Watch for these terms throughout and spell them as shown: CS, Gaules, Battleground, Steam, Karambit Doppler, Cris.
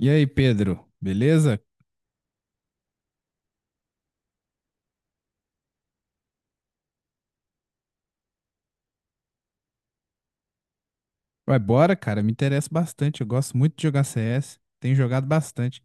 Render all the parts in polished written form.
E aí, Pedro, beleza? Vai, bora, cara. Me interessa bastante. Eu gosto muito de jogar CS. Tenho jogado bastante.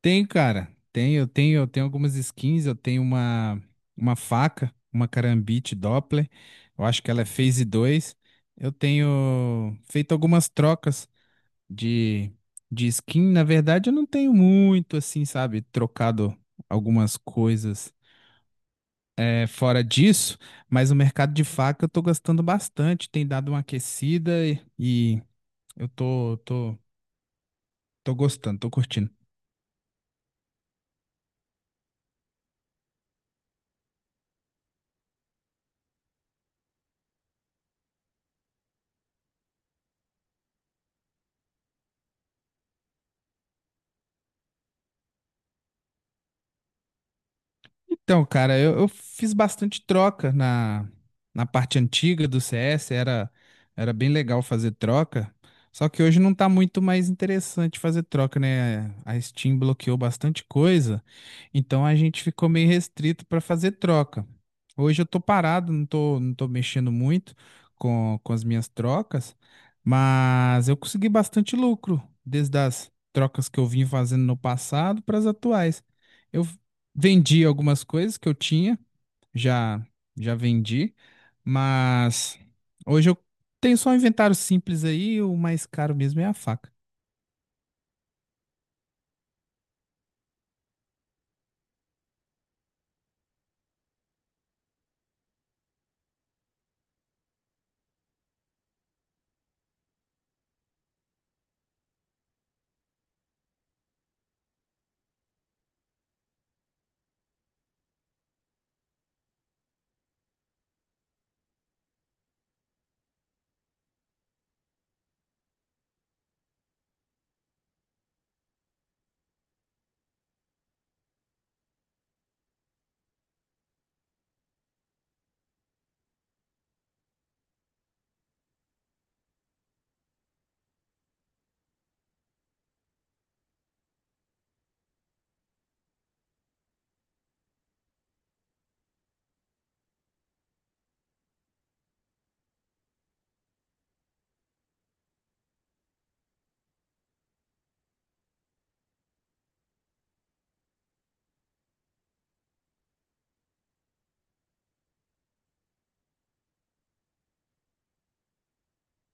Tenho, cara. Eu tenho algumas skins. Eu tenho uma faca, uma Karambit Doppler. Eu acho que ela é Phase 2. Eu tenho feito algumas trocas de, de skin. Na verdade, eu não tenho muito, assim, sabe? Trocado algumas coisas fora disso, mas o mercado de faca eu tô gostando bastante, tem dado uma aquecida e eu tô gostando, tô curtindo. Então, cara, eu fiz bastante troca na parte antiga do CS, era bem legal fazer troca, só que hoje não tá muito mais interessante fazer troca, né? A Steam bloqueou bastante coisa, então a gente ficou meio restrito para fazer troca. Hoje eu tô parado, não tô mexendo muito com as minhas trocas, mas eu consegui bastante lucro desde as trocas que eu vim fazendo no passado para as atuais. Eu vendi algumas coisas que eu tinha, já já vendi, mas hoje eu tenho só um inventário simples aí, o mais caro mesmo é a faca.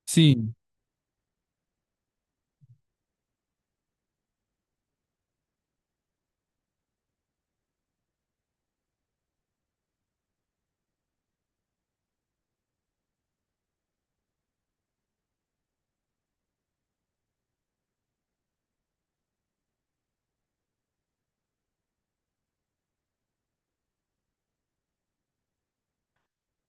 Sim.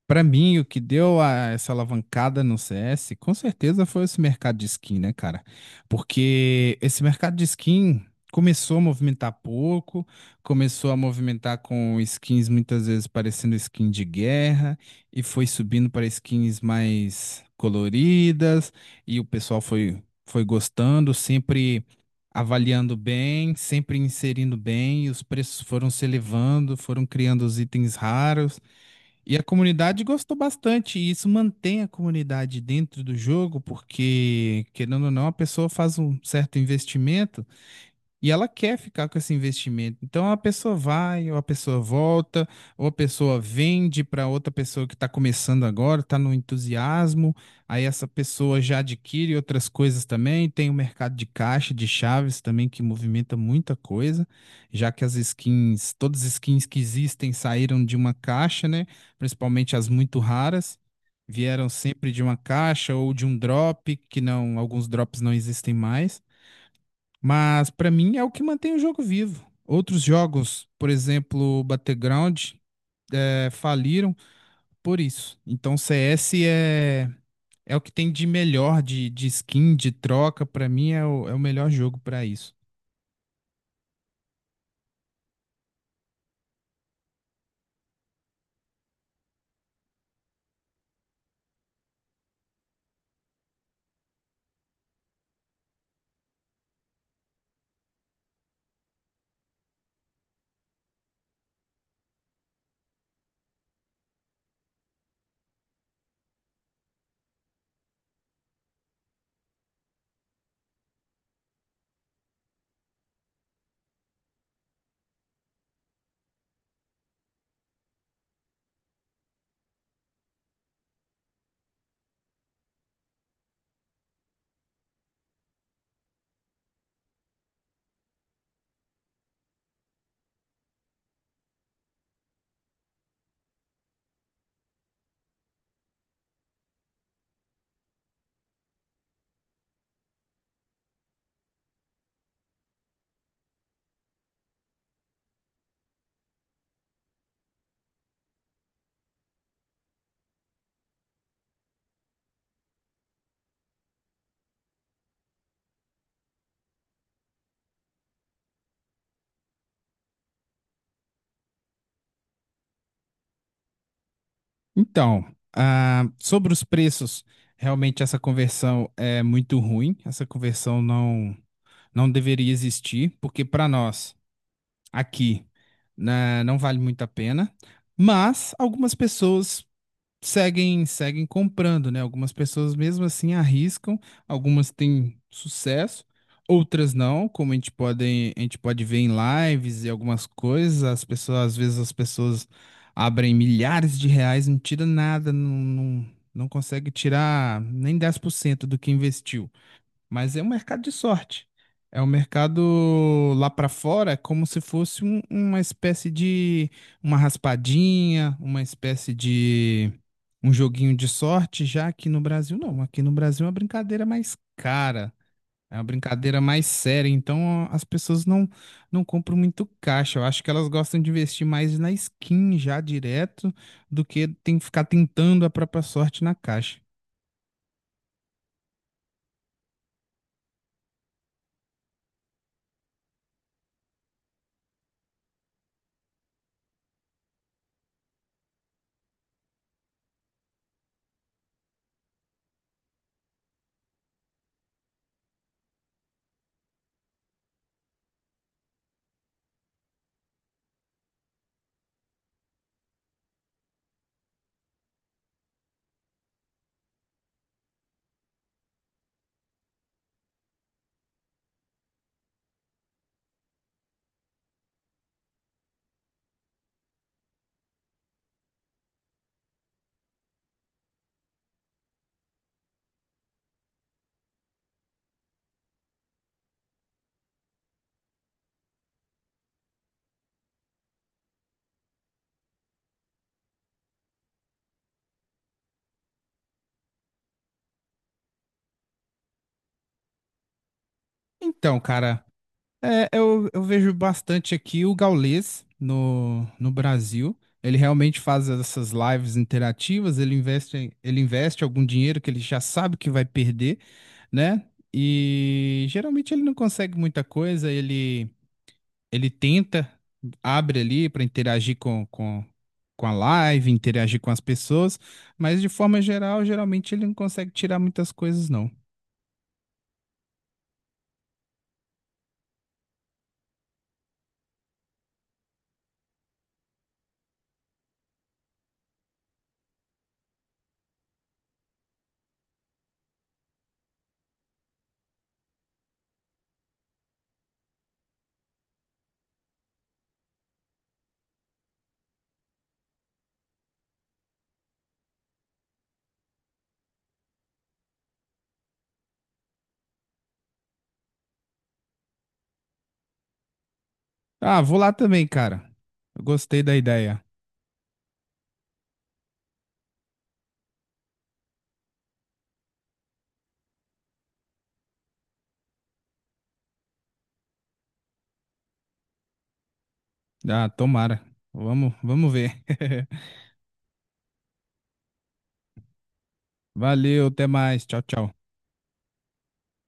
Pra mim, o que deu essa alavancada no CS, com certeza foi esse mercado de skin, né, cara? Porque esse mercado de skin começou a movimentar pouco, começou a movimentar com skins muitas vezes parecendo skin de guerra, e foi subindo para skins mais coloridas, e o pessoal foi, foi gostando, sempre avaliando bem, sempre inserindo bem, e os preços foram se elevando, foram criando os itens raros. E a comunidade gostou bastante, e isso mantém a comunidade dentro do jogo, porque, querendo ou não, a pessoa faz um certo investimento. E ela quer ficar com esse investimento. Então a pessoa vai, ou a pessoa volta, ou a pessoa vende para outra pessoa que está começando agora, está no entusiasmo. Aí essa pessoa já adquire outras coisas também. Tem o mercado de caixa, de chaves também, que movimenta muita coisa, já que as skins, todas as skins que existem saíram de uma caixa, né? Principalmente as muito raras. Vieram sempre de uma caixa ou de um drop, que não, alguns drops não existem mais. Mas para mim é o que mantém o jogo vivo. Outros jogos, por exemplo, Battleground, faliram por isso. Então CS é o que tem de melhor de skin, de troca. Para mim é é o melhor jogo para isso. Então, sobre os preços, realmente essa conversão é muito ruim. Essa conversão não deveria existir, porque para nós aqui, né, não vale muito a pena. Mas algumas pessoas seguem comprando, né? Algumas pessoas mesmo assim arriscam, algumas têm sucesso, outras não, como a gente pode ver em lives e algumas coisas, às vezes as pessoas abrem milhares de reais, não tira nada, não, não, não consegue tirar nem 10% do que investiu. Mas é um mercado de sorte. É um mercado lá para fora, é como se fosse uma espécie de uma raspadinha, uma espécie de um joguinho de sorte. Já aqui no Brasil, não. Aqui no Brasil é uma brincadeira mais cara, é uma brincadeira mais séria. Então as pessoas não, não compram muito caixa. Eu acho que elas gostam de investir mais na skin já direto do que tem que ficar tentando a própria sorte na caixa. Então, cara. Eu vejo bastante aqui o Gaules no Brasil. Ele realmente faz essas lives interativas, ele investe algum dinheiro que ele já sabe que vai perder, né? E geralmente ele não consegue muita coisa, ele tenta, abre ali para com a live, interagir com as pessoas, mas de forma geral, geralmente ele não consegue tirar muitas coisas, não. Ah, vou lá também, cara. Eu gostei da ideia. Ah, tomara. Vamos ver. Valeu, até mais. Tchau, tchau.